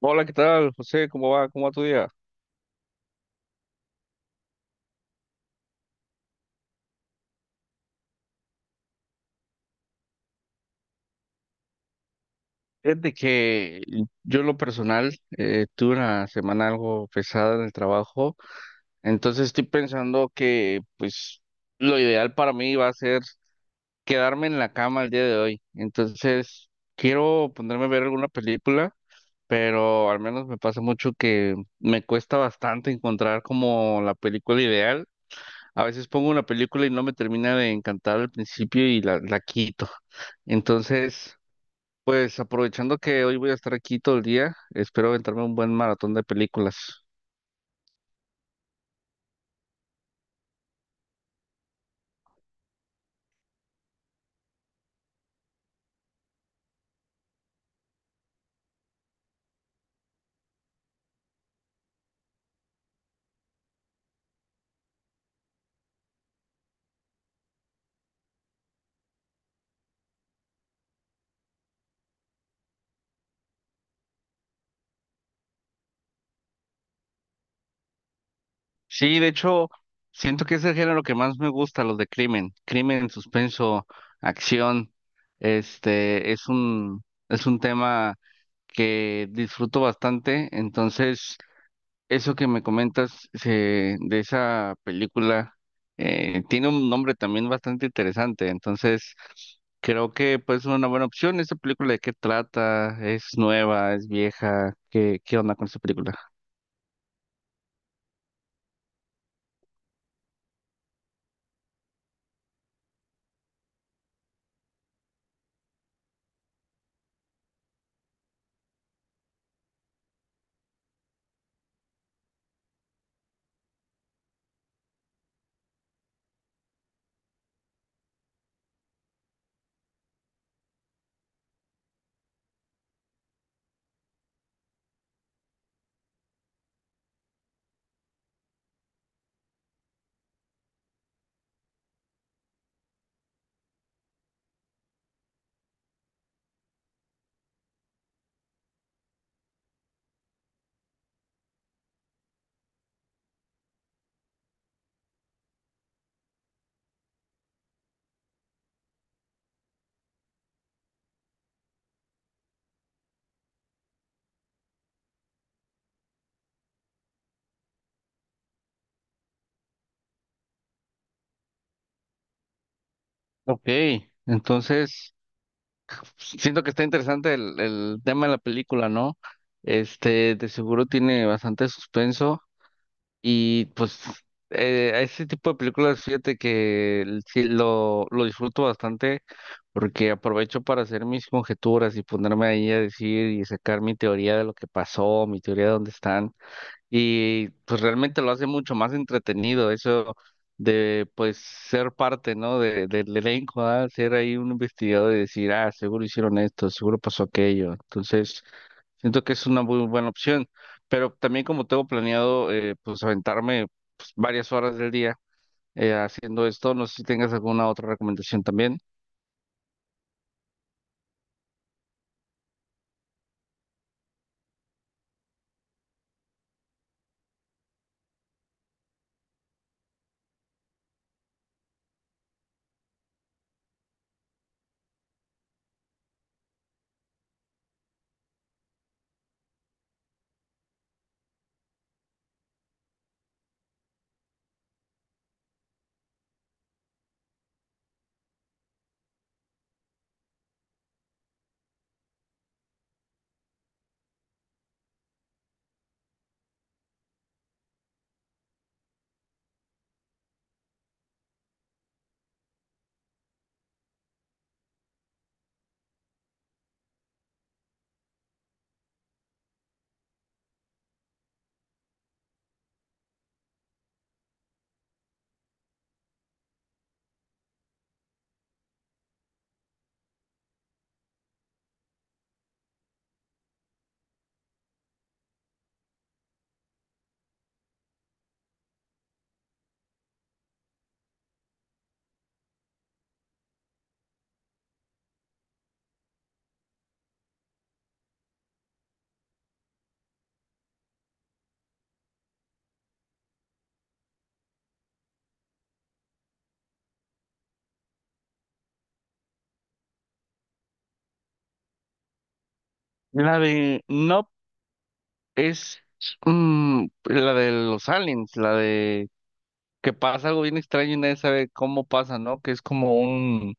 Hola, ¿qué tal, José? ¿Cómo va? ¿Cómo va tu día? Fíjate que yo en lo personal tuve una semana algo pesada en el trabajo, entonces estoy pensando que pues lo ideal para mí va a ser quedarme en la cama el día de hoy. Entonces quiero ponerme a ver alguna película, pero al menos me pasa mucho que me cuesta bastante encontrar como la película ideal. A veces pongo una película y no me termina de encantar al principio y la quito. Entonces, pues aprovechando que hoy voy a estar aquí todo el día, espero aventarme un buen maratón de películas. Sí, de hecho, siento que es el género que más me gusta, los de crimen, crimen, suspenso, acción. Este es un es un tema que disfruto bastante, entonces eso que me comentas de esa película tiene un nombre también bastante interesante, entonces creo que pues es una buena opción. ¿Esa película de qué trata? ¿Es nueva? ¿Es vieja? ¿Qué, qué onda con esa película? Ok, entonces siento que está interesante el tema de la película, ¿no? Este, de seguro tiene bastante suspenso. Y pues a ese tipo de películas, fíjate que sí lo disfruto bastante porque aprovecho para hacer mis conjeturas y ponerme ahí a decir y sacar mi teoría de lo que pasó, mi teoría de dónde están. Y pues realmente lo hace mucho más entretenido eso de pues ser parte, ¿no? De, del elenco, ¿ah? Ser ahí un investigador y decir, ah, seguro hicieron esto, seguro pasó aquello. Entonces siento que es una muy buena opción, pero también como tengo planeado pues aventarme pues, varias horas del día haciendo esto, no sé si tengas alguna otra recomendación también. La de no es la de los aliens, la de que pasa algo bien extraño y nadie sabe cómo pasa, ¿no? Que es como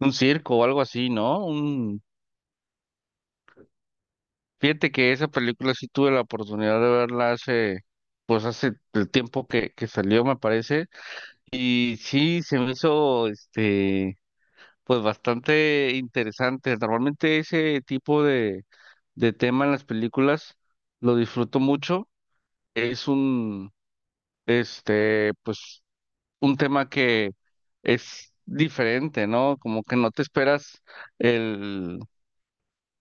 un circo o algo así, ¿no? Un... Fíjate que esa película sí tuve la oportunidad de verla hace, pues hace el tiempo que salió, me parece. Y sí, se me hizo este pues bastante interesante. Normalmente ese tipo de tema en las películas lo disfruto mucho. Es un este pues un tema que es diferente, ¿no? Como que no te esperas el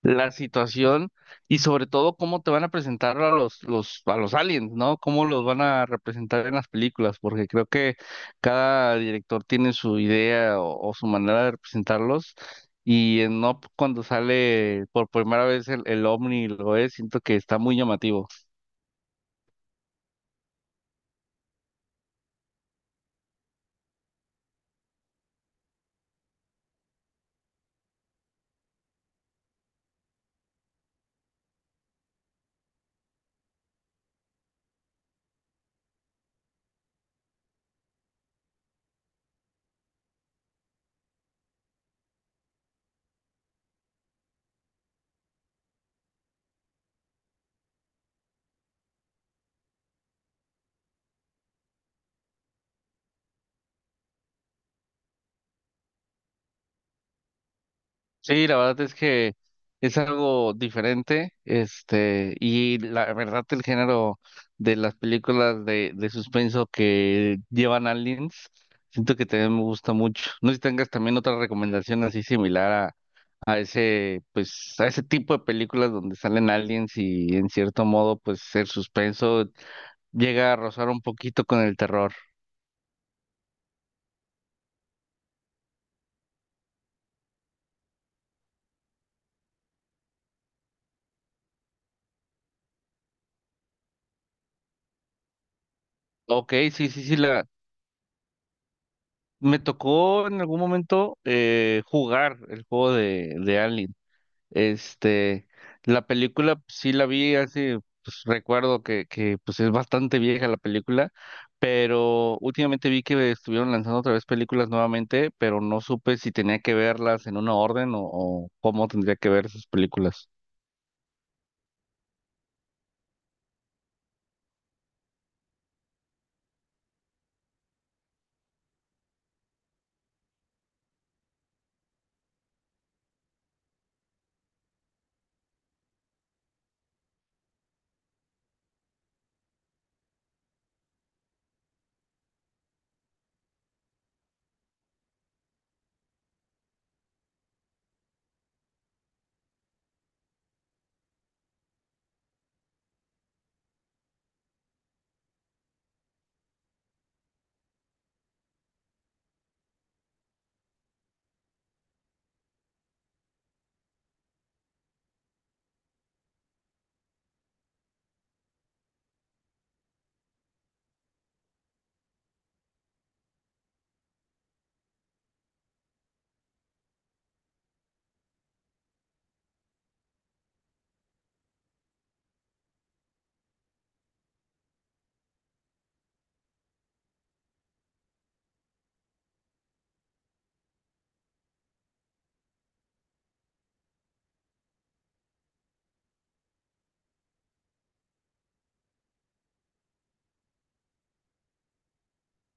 la situación y sobre todo cómo te van a presentar a los, a los aliens, ¿no? Cómo los van a representar en las películas, porque creo que cada director tiene su idea o su manera de representarlos. Y en Up, cuando sale por primera vez el Omni, lo es, siento que está muy llamativo. Sí, la verdad es que es algo diferente, este, y la verdad el género de las películas de suspenso que llevan aliens, siento que también me gusta mucho. No sé si tengas también otra recomendación así similar a ese, pues, a ese tipo de películas donde salen aliens y en cierto modo, pues, el suspenso llega a rozar un poquito con el terror. Ok, sí, sí, sí, la, me tocó en algún momento jugar el juego de Aliens. Este, la película pues, sí la vi hace, pues recuerdo que pues es bastante vieja la película, pero últimamente vi que estuvieron lanzando otra vez películas nuevamente, pero no supe si tenía que verlas en una orden o cómo tendría que ver esas películas.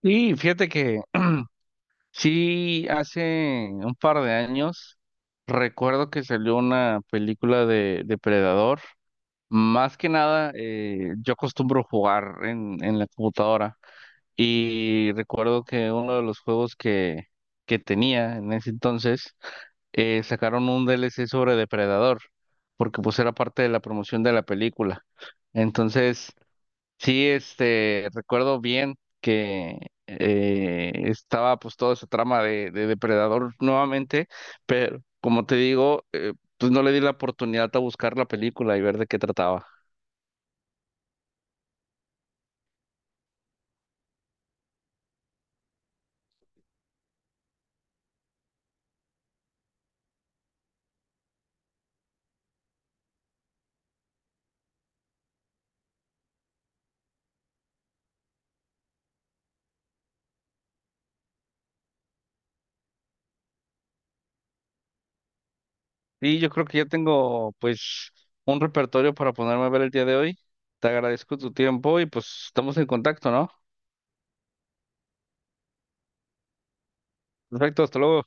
Y fíjate que sí, hace un par de años recuerdo que salió una película de Depredador. Más que nada, yo acostumbro jugar en la computadora. Y recuerdo que uno de los juegos que tenía en ese entonces sacaron un DLC sobre Depredador, porque pues era parte de la promoción de la película. Entonces, sí, este, recuerdo bien que estaba pues toda esa trama de Depredador nuevamente, pero como te digo, pues no le di la oportunidad a buscar la película y ver de qué trataba. Y yo creo que ya tengo pues un repertorio para ponerme a ver el día de hoy. Te agradezco tu tiempo y pues estamos en contacto, ¿no? Perfecto, hasta luego.